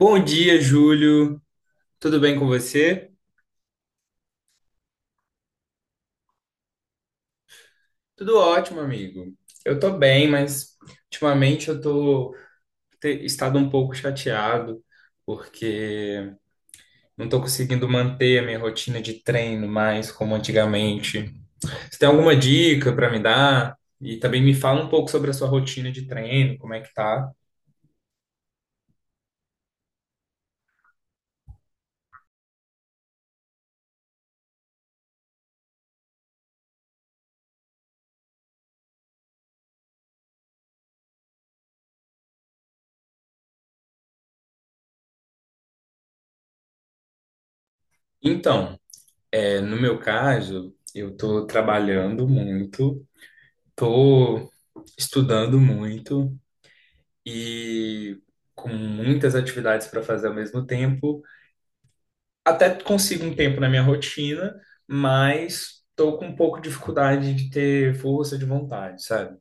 Bom dia, Júlio. Tudo bem com você? Tudo ótimo, amigo. Eu tô bem, mas ultimamente eu tô estado um pouco chateado porque não tô conseguindo manter a minha rotina de treino mais como antigamente. Você tem alguma dica para me dar? E também me fala um pouco sobre a sua rotina de treino, como é que tá? Então, no meu caso, eu tô trabalhando muito, tô estudando muito, e com muitas atividades para fazer ao mesmo tempo. Até consigo um tempo na minha rotina, mas estou com um pouco de dificuldade de ter força de vontade, sabe?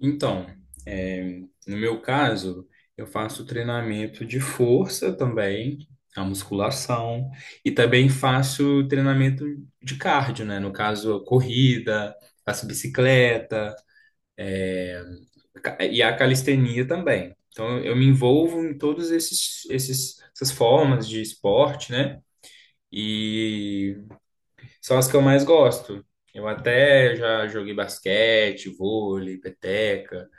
Então, é, no meu caso, eu faço treinamento de força também, a musculação, e também faço treinamento de cardio, né? No caso, corrida, faço bicicleta. E a calistenia também. Então, eu me envolvo em todos essas formas de esporte, né? E são as que eu mais gosto. Eu até já joguei basquete, vôlei, peteca,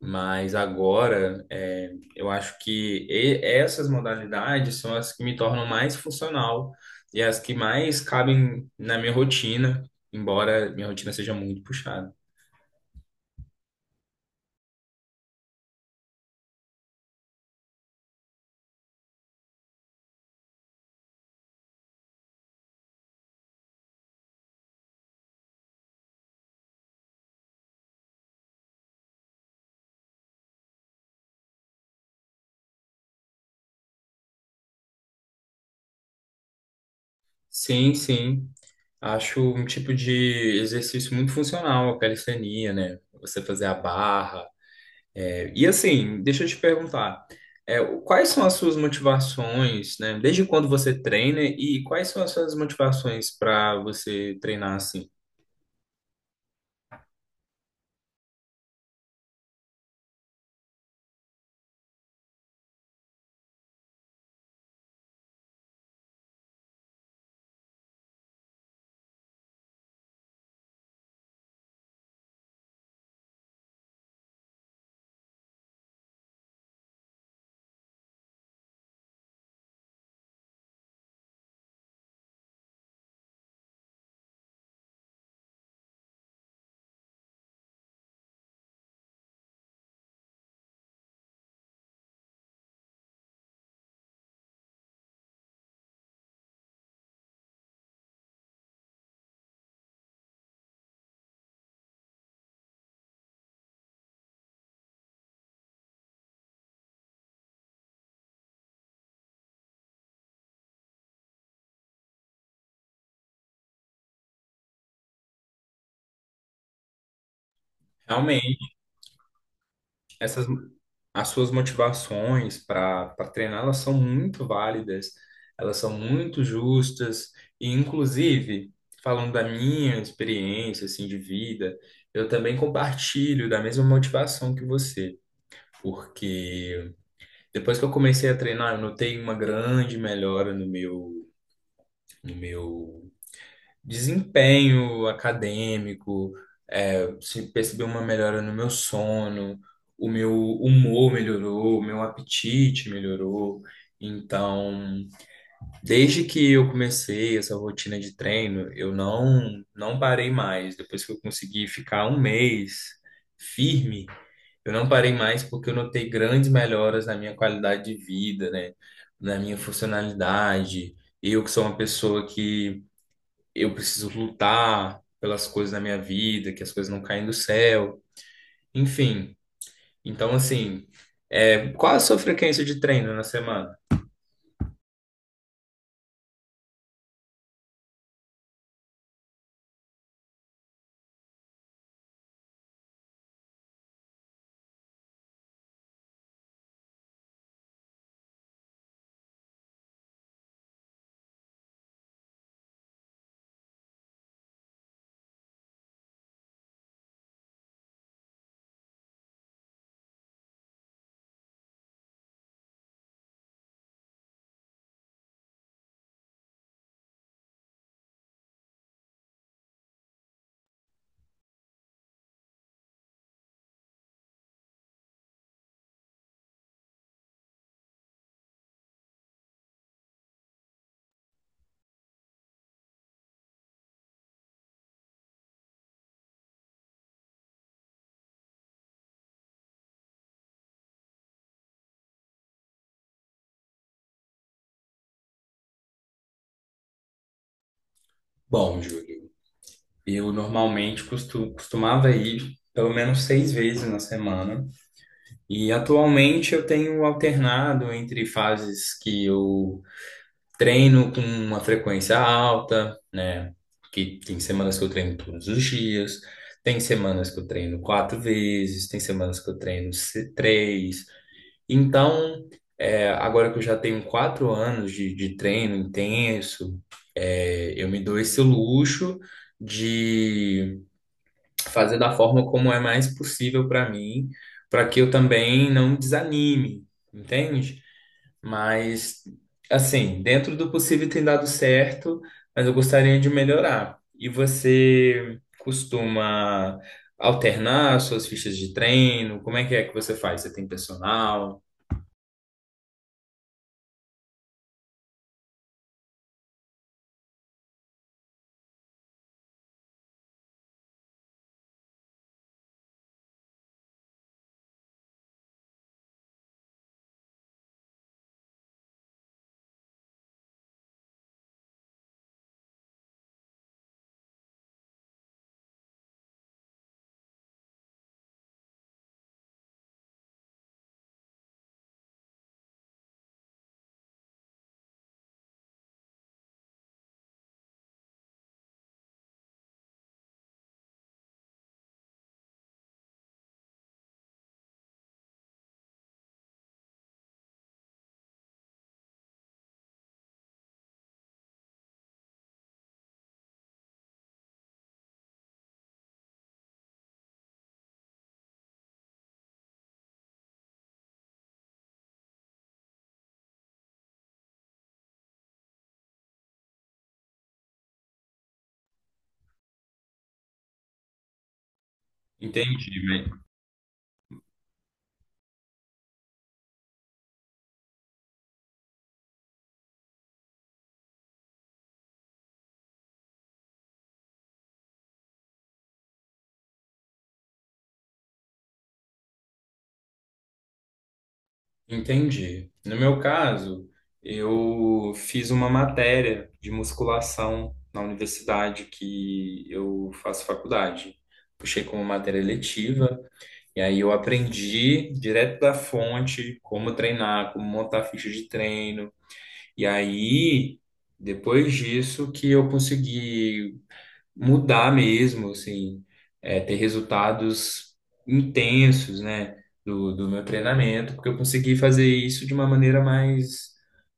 mas agora eu acho que essas modalidades são as que me tornam mais funcional e as que mais cabem na minha rotina, embora minha rotina seja muito puxada. Sim, sim. Acho um tipo de exercício muito funcional, a calistenia, né? Você fazer a barra. E assim, deixa eu te perguntar, quais são as suas motivações, né? Desde quando você treina e quais são as suas motivações para você treinar assim? Essas as suas motivações para treinar, elas são muito válidas, elas são muito justas e inclusive falando da minha experiência assim de vida, eu também compartilho da mesma motivação que você, porque depois que eu comecei a treinar, eu notei uma grande melhora no meu desempenho acadêmico, se percebi uma melhora no meu sono, o meu humor melhorou, o meu apetite melhorou. Então, desde que eu comecei essa rotina de treino, eu não parei mais. Depois que eu consegui ficar um mês firme, eu não parei mais porque eu notei grandes melhoras na minha qualidade de vida, né? Na minha funcionalidade. Eu que sou uma pessoa que eu preciso lutar pelas coisas na minha vida, que as coisas não caem do céu, enfim. Então, assim, qual a sua frequência de treino na semana? Bom, Júlio, eu normalmente costumava ir pelo menos 6 vezes na semana, e atualmente eu tenho alternado entre fases que eu treino com uma frequência alta, né? Que tem semanas que eu treino todos os dias, tem semanas que eu treino 4 vezes, tem semanas que eu treino 3. Então, agora que eu já tenho 4 anos de treino intenso, eu me dou esse luxo de fazer da forma como é mais possível para mim, para que eu também não desanime, entende? Mas, assim, dentro do possível tem dado certo, mas eu gostaria de melhorar. E você costuma alternar suas fichas de treino? Como é que você faz? Você tem personal? Entendi, né? Entendi. No meu caso, eu fiz uma matéria de musculação na universidade que eu faço faculdade. Puxei como matéria letiva. E aí eu aprendi direto da fonte como treinar, como montar ficha de treino. E aí, depois disso, que eu consegui mudar mesmo, assim, ter resultados intensos, né, do meu treinamento, porque eu consegui fazer isso de uma maneira mais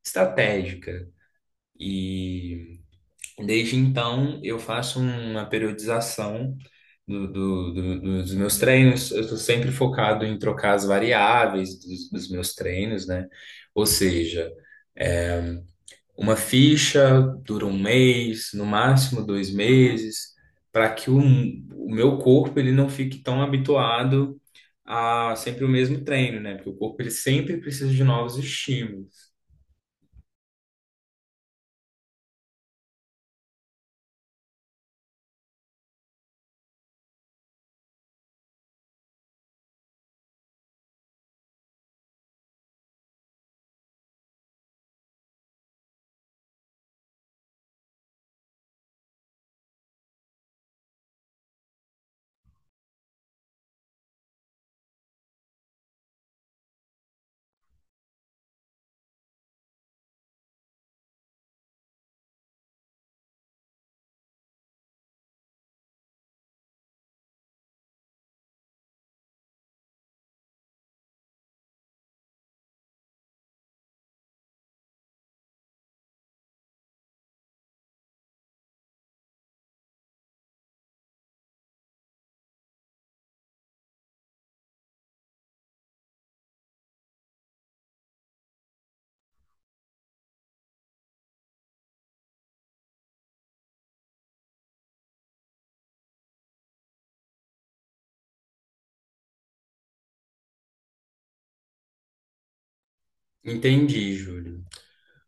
estratégica. E desde então, eu faço uma periodização dos meus treinos. Eu estou sempre focado em trocar as variáveis dos meus treinos, né? Ou seja, uma ficha dura um mês, no máximo 2 meses, para que o meu corpo ele não fique tão habituado a sempre o mesmo treino, né? Porque o corpo ele sempre precisa de novos estímulos. Entendi, Júlio.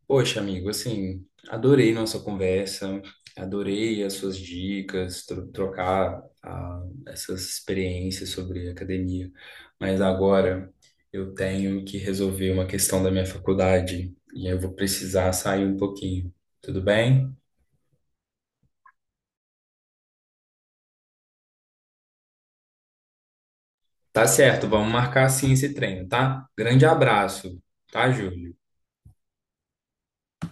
Poxa, amigo, assim, adorei nossa conversa, adorei as suas dicas, trocar essas experiências sobre academia. Mas agora eu tenho que resolver uma questão da minha faculdade e eu vou precisar sair um pouquinho. Tudo bem? Tá certo, vamos marcar sim esse treino, tá? Grande abraço, tá, Júlio?